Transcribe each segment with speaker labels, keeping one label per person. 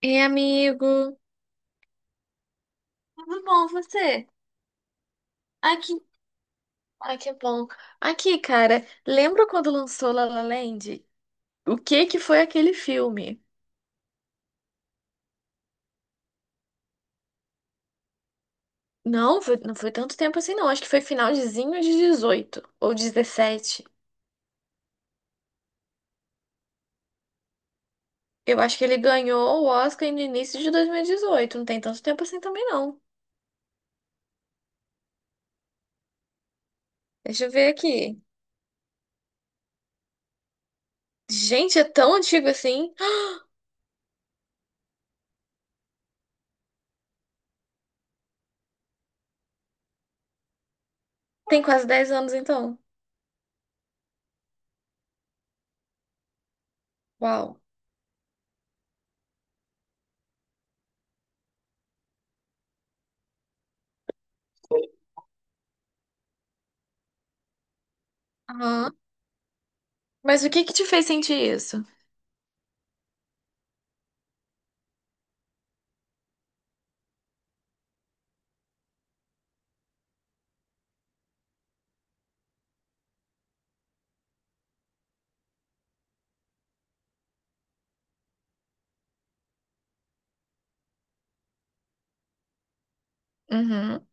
Speaker 1: Ei, amigo. Tudo bom, você? Aqui. Ai, que bom. Aqui, cara, lembra quando lançou La La Land? O que que foi aquele filme? Não, não foi tanto tempo assim, não. Acho que foi finalzinho de 18 ou 17. Eu acho que ele ganhou o Oscar no início de 2018. Não tem tanto tempo assim também, não. Deixa eu ver aqui. Gente, é tão antigo assim. Tem quase 10 anos, então. Uau. Aham. Mas o que que te fez sentir isso? Uhum.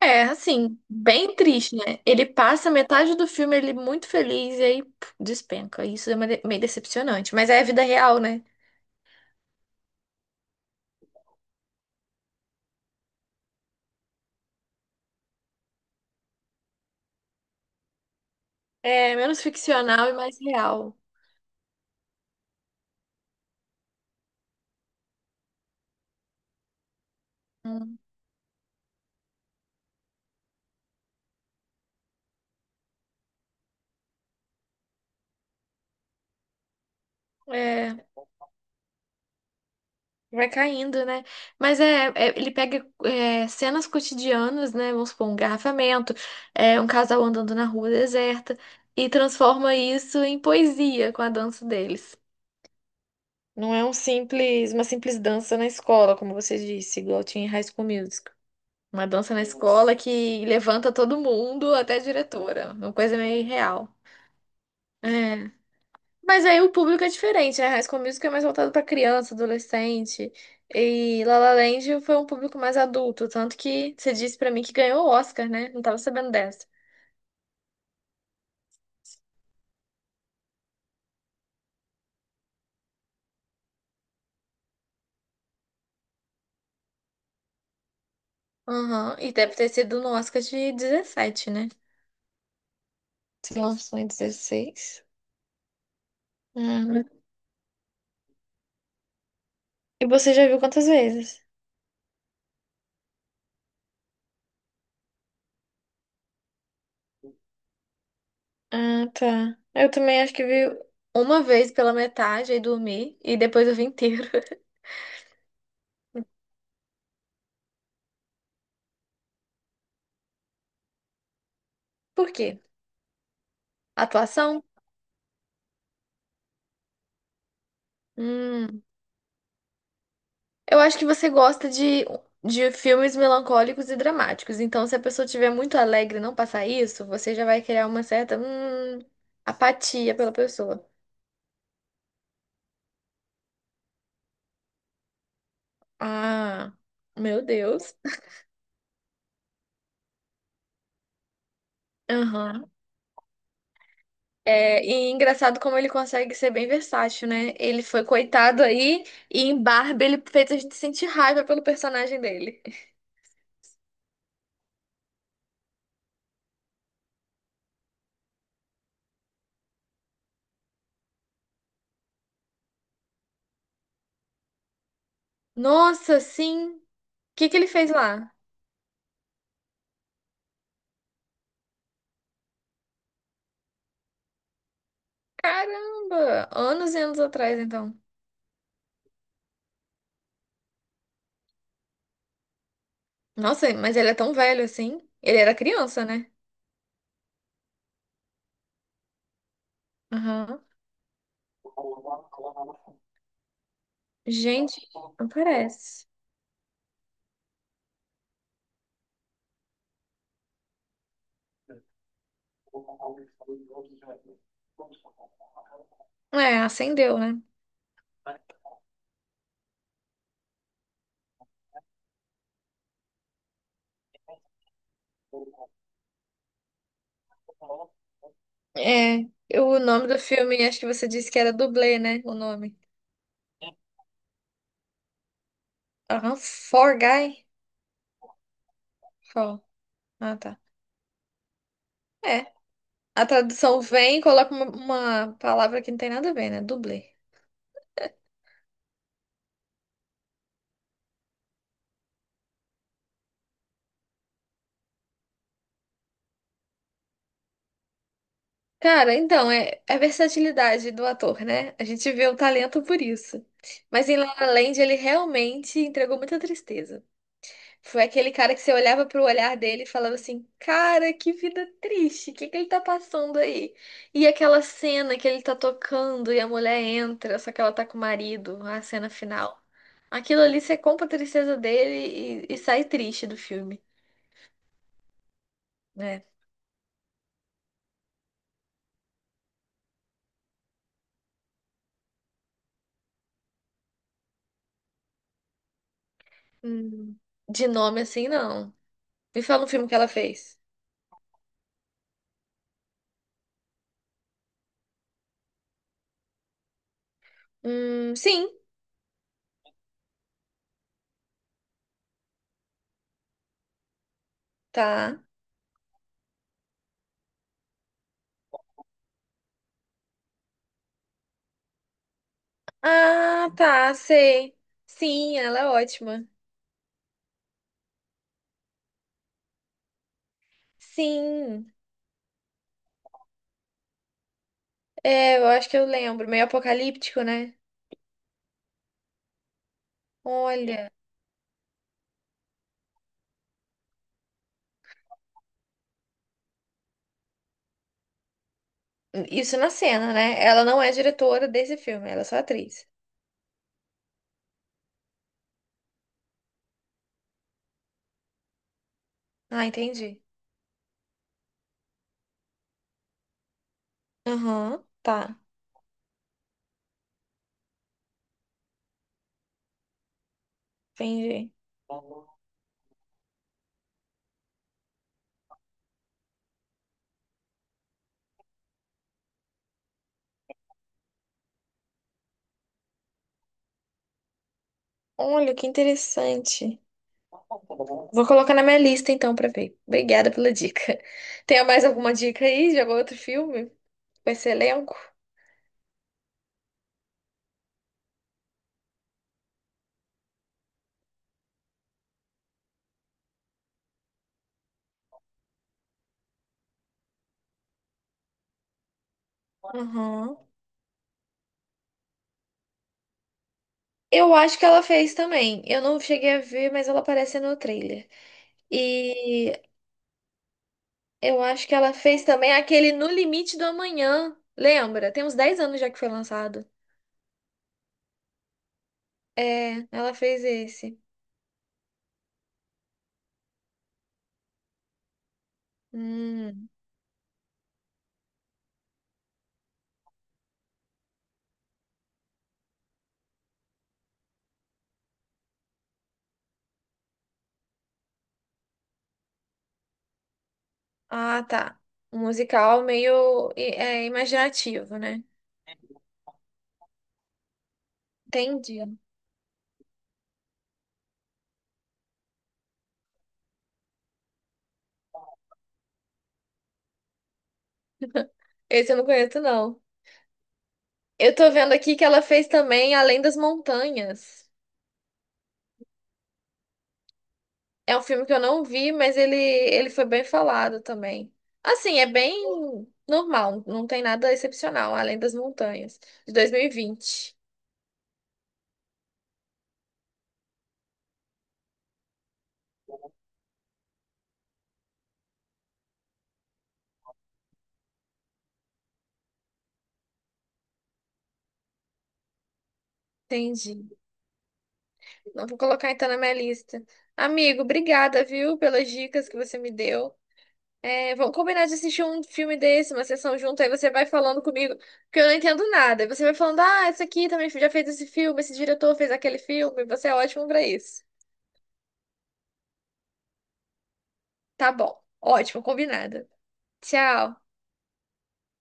Speaker 1: É, assim, bem triste, né? Ele passa metade do filme ele muito feliz e aí puf, despenca. Isso é meio decepcionante, mas é a vida real, né? É menos ficcional e mais real. Hum. É, vai caindo, né? Mas ele pega é, cenas cotidianas, né? Vamos supor, um engarrafamento, é, um casal andando na rua deserta e transforma isso em poesia com a dança deles. Não é um simples, uma simples dança na escola, como você disse, igual tinha em High School Music. Uma dança na Nossa. Escola Nossa. Que levanta todo mundo, até a diretora. Uma coisa meio irreal. É. Mas aí o público é diferente, né? High School Musical é mais voltado pra criança, adolescente. E La La Land foi um público mais adulto. Tanto que você disse pra mim que ganhou o Oscar, né? Não tava sabendo dessa. Aham. E deve ter sido no Oscar de 17, né? Se lançou em 16. Uhum. E você já viu quantas vezes? Ah, tá. Eu também acho que vi uma vez pela metade e dormi, e depois eu vi inteiro. Por quê? Atuação? Hum, eu acho que você gosta de filmes melancólicos e dramáticos. Então, se a pessoa estiver muito alegre e não passar isso, você já vai criar uma certa, apatia pela pessoa. Ah, meu Deus. Aham. É, e engraçado como ele consegue ser bem versátil, né? Ele foi coitado aí e em Barbie ele fez a gente sentir raiva pelo personagem dele. Nossa, sim. O que que ele fez lá? Caramba! Anos e anos atrás, então. Nossa, mas ele é tão velho assim. Ele era criança, né? Aham. Gente, não parece. É, acendeu, né? É, o nome do filme, acho que você disse que era dublê, né? O nome. Aham, For Guy? For. Ah, tá. É, a tradução vem e coloca uma palavra que não tem nada a ver, né? Dublê. Cara, então, é a versatilidade do ator, né? A gente vê o talento por isso. Mas em La La Land, ele realmente entregou muita tristeza. Foi aquele cara que você olhava pro olhar dele e falava assim: cara, que vida triste, o que que ele tá passando aí? E aquela cena que ele tá tocando e a mulher entra, só que ela tá com o marido, a cena final. Aquilo ali você compra a tristeza dele e sai triste do filme, né? Hum. De nome assim, não. Me fala um filme que ela fez. Sim, tá. Ah, tá, sei. Sim, ela é ótima. Sim, é, eu acho que eu lembro. Meio apocalíptico, né? Olha, isso na cena, né? Ela não é diretora desse filme, ela é só atriz. Ah, entendi. Aham, tá, entendi. Olha, que interessante. Vou colocar na minha lista então pra ver. Obrigada pela dica. Tem mais alguma dica aí de algum outro filme? Com esse elenco? Aham. Eu acho que ela fez também. Eu não cheguei a ver, mas ela aparece no trailer. E eu acho que ela fez também aquele No Limite do Amanhã. Lembra? Tem uns 10 anos já que foi lançado. É, ela fez esse. Hum. Ah, tá. Um musical meio é, imaginativo, né? Entendi. Esse eu não conheço, não. Eu tô vendo aqui que ela fez também Além das Montanhas. É um filme que eu não vi, mas ele foi bem falado também. Assim, é bem normal, não tem nada excepcional, Além das Montanhas, de 2020. Entendi. Não vou colocar então na minha lista. Amigo, obrigada, viu, pelas dicas que você me deu. É, vamos combinar de assistir um filme desse, uma sessão junto, aí você vai falando comigo, porque eu não entendo nada. Aí você vai falando, ah, esse aqui também já fez esse filme, esse diretor fez aquele filme, você é ótimo pra isso. Tá bom, ótimo, combinado. Tchau.